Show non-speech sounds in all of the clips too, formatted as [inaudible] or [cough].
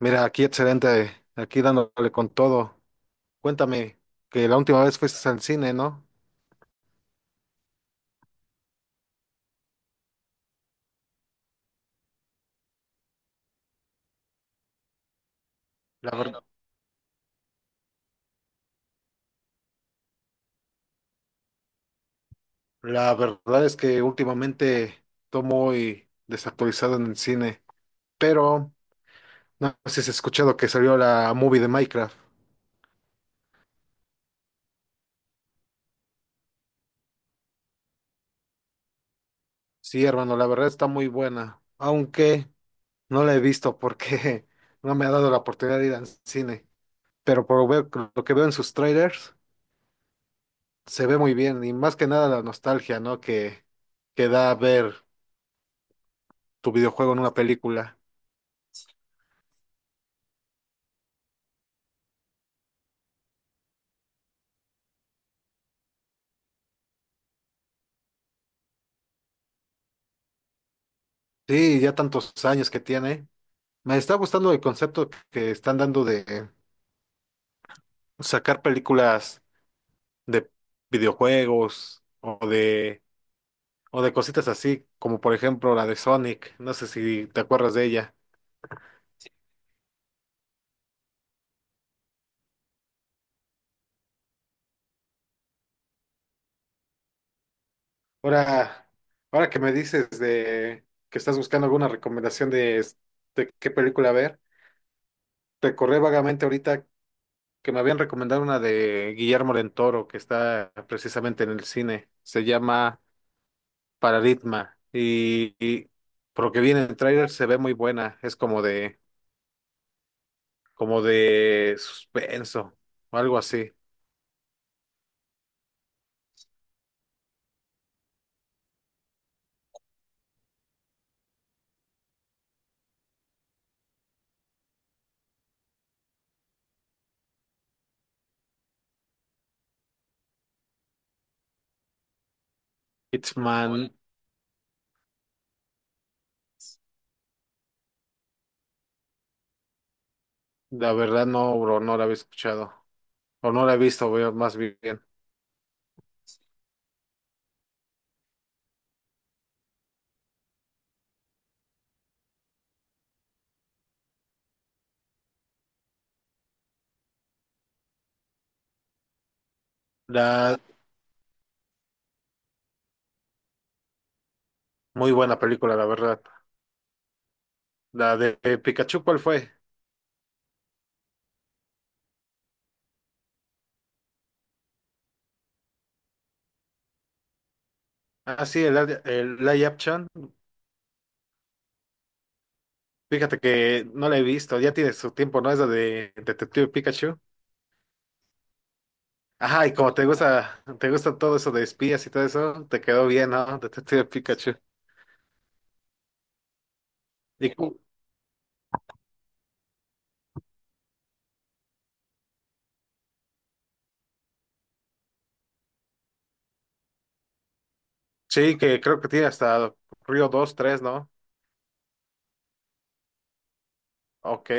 Mira, aquí excelente, aquí dándole con todo. Cuéntame, que la última vez fuiste al cine, ¿no? La, ver- la verdad es que últimamente estoy muy desactualizado en el cine, pero no sé si has escuchado que salió la movie de Minecraft. Sí, hermano, la verdad está muy buena, aunque no la he visto porque [laughs] no me ha dado la oportunidad de ir al cine. Pero lo que veo en sus trailers, se ve muy bien y más que nada la nostalgia, ¿no? Que da a ver tu videojuego en una película. Sí, ya tantos años que tiene. Me está gustando el concepto que están dando de sacar películas de videojuegos o de cositas así, como por ejemplo la de Sonic. No sé si te acuerdas de ella. Ahora, ahora que me dices de que estás buscando alguna recomendación de qué película ver, recordé vagamente ahorita que me habían recomendado una de Guillermo del Toro que está precisamente en el cine. Se llama para Ritma. Y por lo que viene en el tráiler se ve muy buena. Es como de suspenso o algo así. Órale. Hitman, la verdad no, bro, no la había escuchado. O no la he visto, veo más bien. La muy buena película, la verdad. La de Pikachu, ¿cuál fue? Ah, sí, el Live Action. Fíjate que no la he visto, ya tiene su tiempo, ¿no? Es la de Detective Pikachu. Ajá, y como te gusta todo eso de espías y todo eso, te quedó bien, ¿no? Detective Pikachu. Y cu- sí, que creo que tiene hasta Río 2 tres, ¿no? Ok.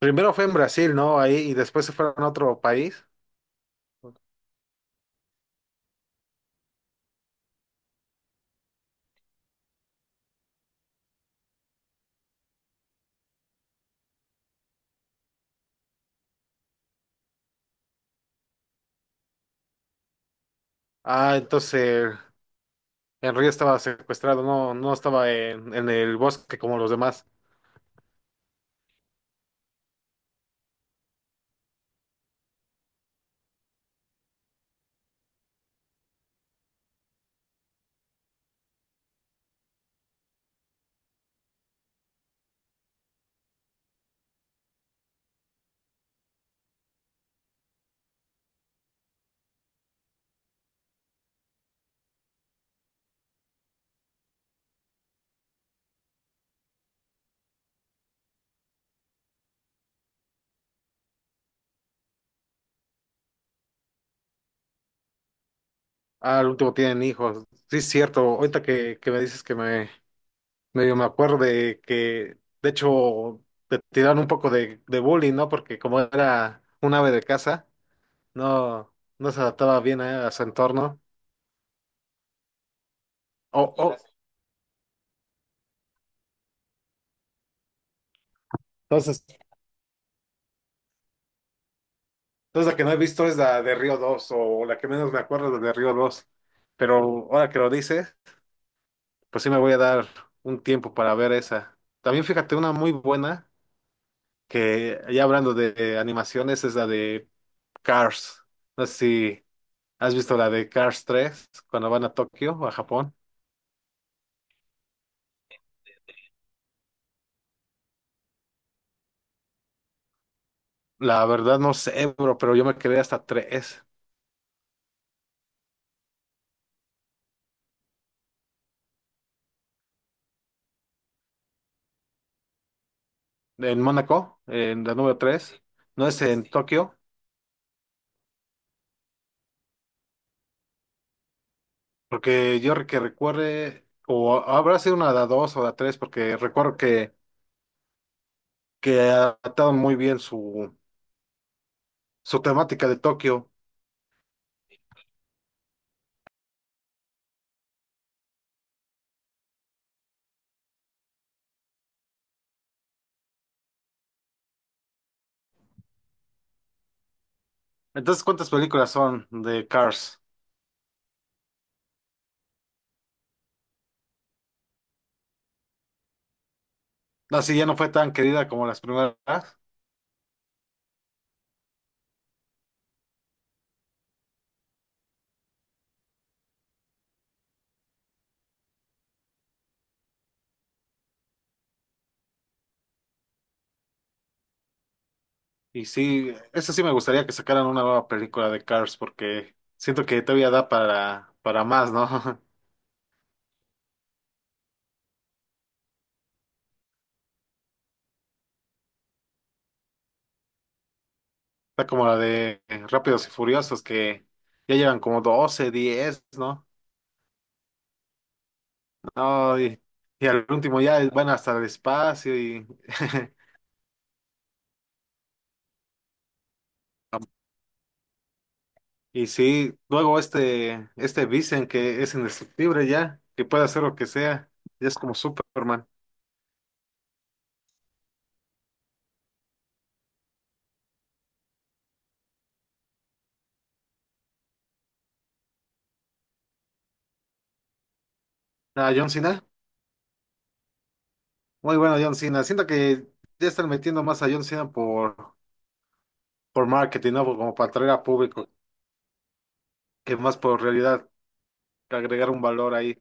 Primero fue en Brasil, ¿no? Ahí, y después se fueron a otro país. Ah, entonces el Río estaba secuestrado, no, no estaba en el bosque como los demás. Ah, al último tienen hijos. Sí, es cierto. Ahorita que me dices que me medio me acuerdo de que, de hecho, te tiraron un poco de bullying, ¿no? Porque como era un ave de casa, no, no se adaptaba bien a su entorno. Oh, oh. Entonces, entonces la que no he visto es la de Río dos o la que menos me acuerdo es la de Río 2. Pero ahora que lo dices, pues sí me voy a dar un tiempo para ver esa. También fíjate una muy buena que ya hablando de animaciones es la de Cars. No sé si has visto la de Cars 3 cuando van a Tokio o a Japón. La verdad no sé, bro, pero yo me quedé hasta tres. En Mónaco, en la número 3. No es en Tokio. Porque yo que recuerde, o habrá sido una de dos o de tres, porque recuerdo que adaptaron muy bien su, su temática de Tokio. Entonces, ¿cuántas películas son de Cars? Así ya no fue tan querida como las primeras. Y sí, eso sí me gustaría que sacaran una nueva película de Cars, porque siento que todavía da para más, ¿no? [laughs] Está como la de Rápidos y Furiosos, que ya llevan como 12 10, ¿no? No, y al último ya van hasta el espacio y, [laughs] y sí, luego este Vincent que es indestructible ya, que puede hacer lo que sea, ya es como Superman. A John Cena, muy bueno John Cena, siento que ya están metiendo más a John Cena por marketing, ¿no? Como para atraer a público, que más por realidad que agregar un valor ahí.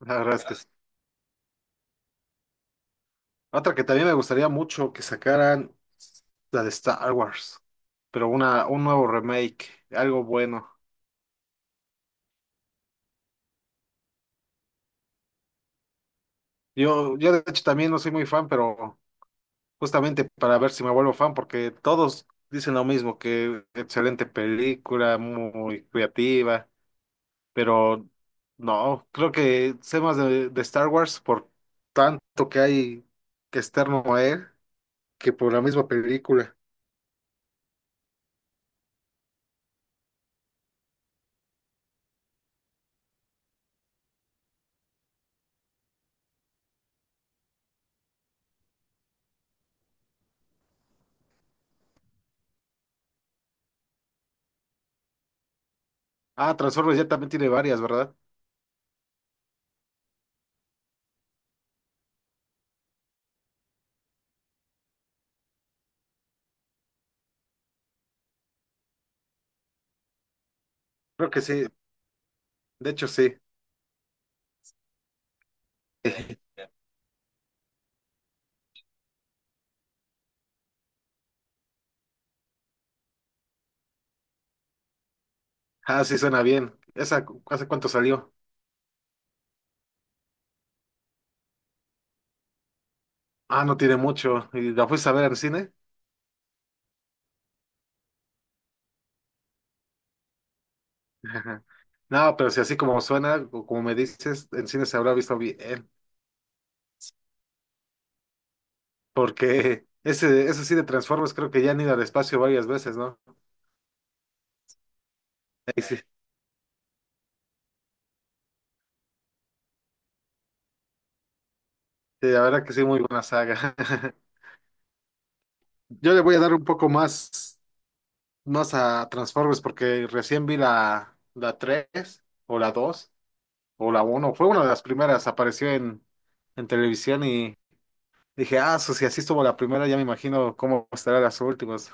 La verdad es que sí. Otra que también me gustaría mucho que sacaran la de Star Wars, pero una, un nuevo remake, algo bueno. Yo de hecho también no soy muy fan, pero justamente para ver si me vuelvo fan, porque todos dicen lo mismo, que excelente película, muy creativa, pero no, creo que sé más de Star Wars por tanto que hay que externo a él que por la misma película. Ah, Transformers ya también tiene varias, ¿verdad? Creo que sí, de hecho sí. [laughs] Ah, sí, suena bien. ¿Esa cu- hace cuánto salió? Ah, no tiene mucho. ¿Y la fuiste a ver al cine? [laughs] Ajá. No, pero si así como suena, o como me dices, en cine se habrá visto bien, porque ese sí de Transformers creo que ya han ido al espacio varias veces, ¿no? Y sí, sí, la verdad que sí, muy buena saga. [laughs] Yo le voy a dar un poco más, más a Transformers porque recién vi la, 3 o la 2 o la uno, fue una de las primeras, apareció en televisión y dije, ah, so, si así estuvo la primera, ya me imagino cómo estará las últimas.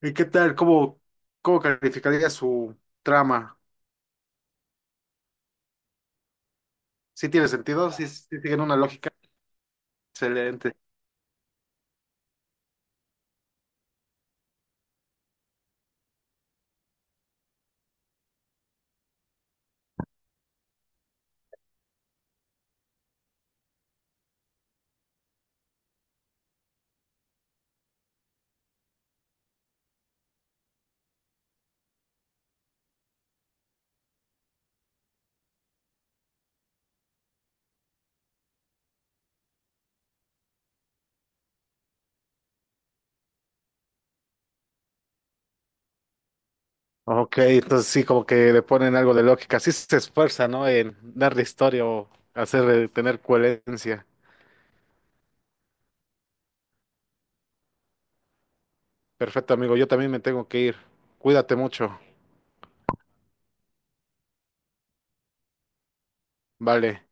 ¿Y qué tal? ¿Cómo calificaría su trama? ¿Sí tiene sentido? ¿Sí, sí siguen una lógica? Excelente. Ok, entonces sí, como que le ponen algo de lógica. Sí se esfuerza, ¿no? En darle historia o hacer tener coherencia. Perfecto, amigo. Yo también me tengo que ir. Cuídate mucho. Vale.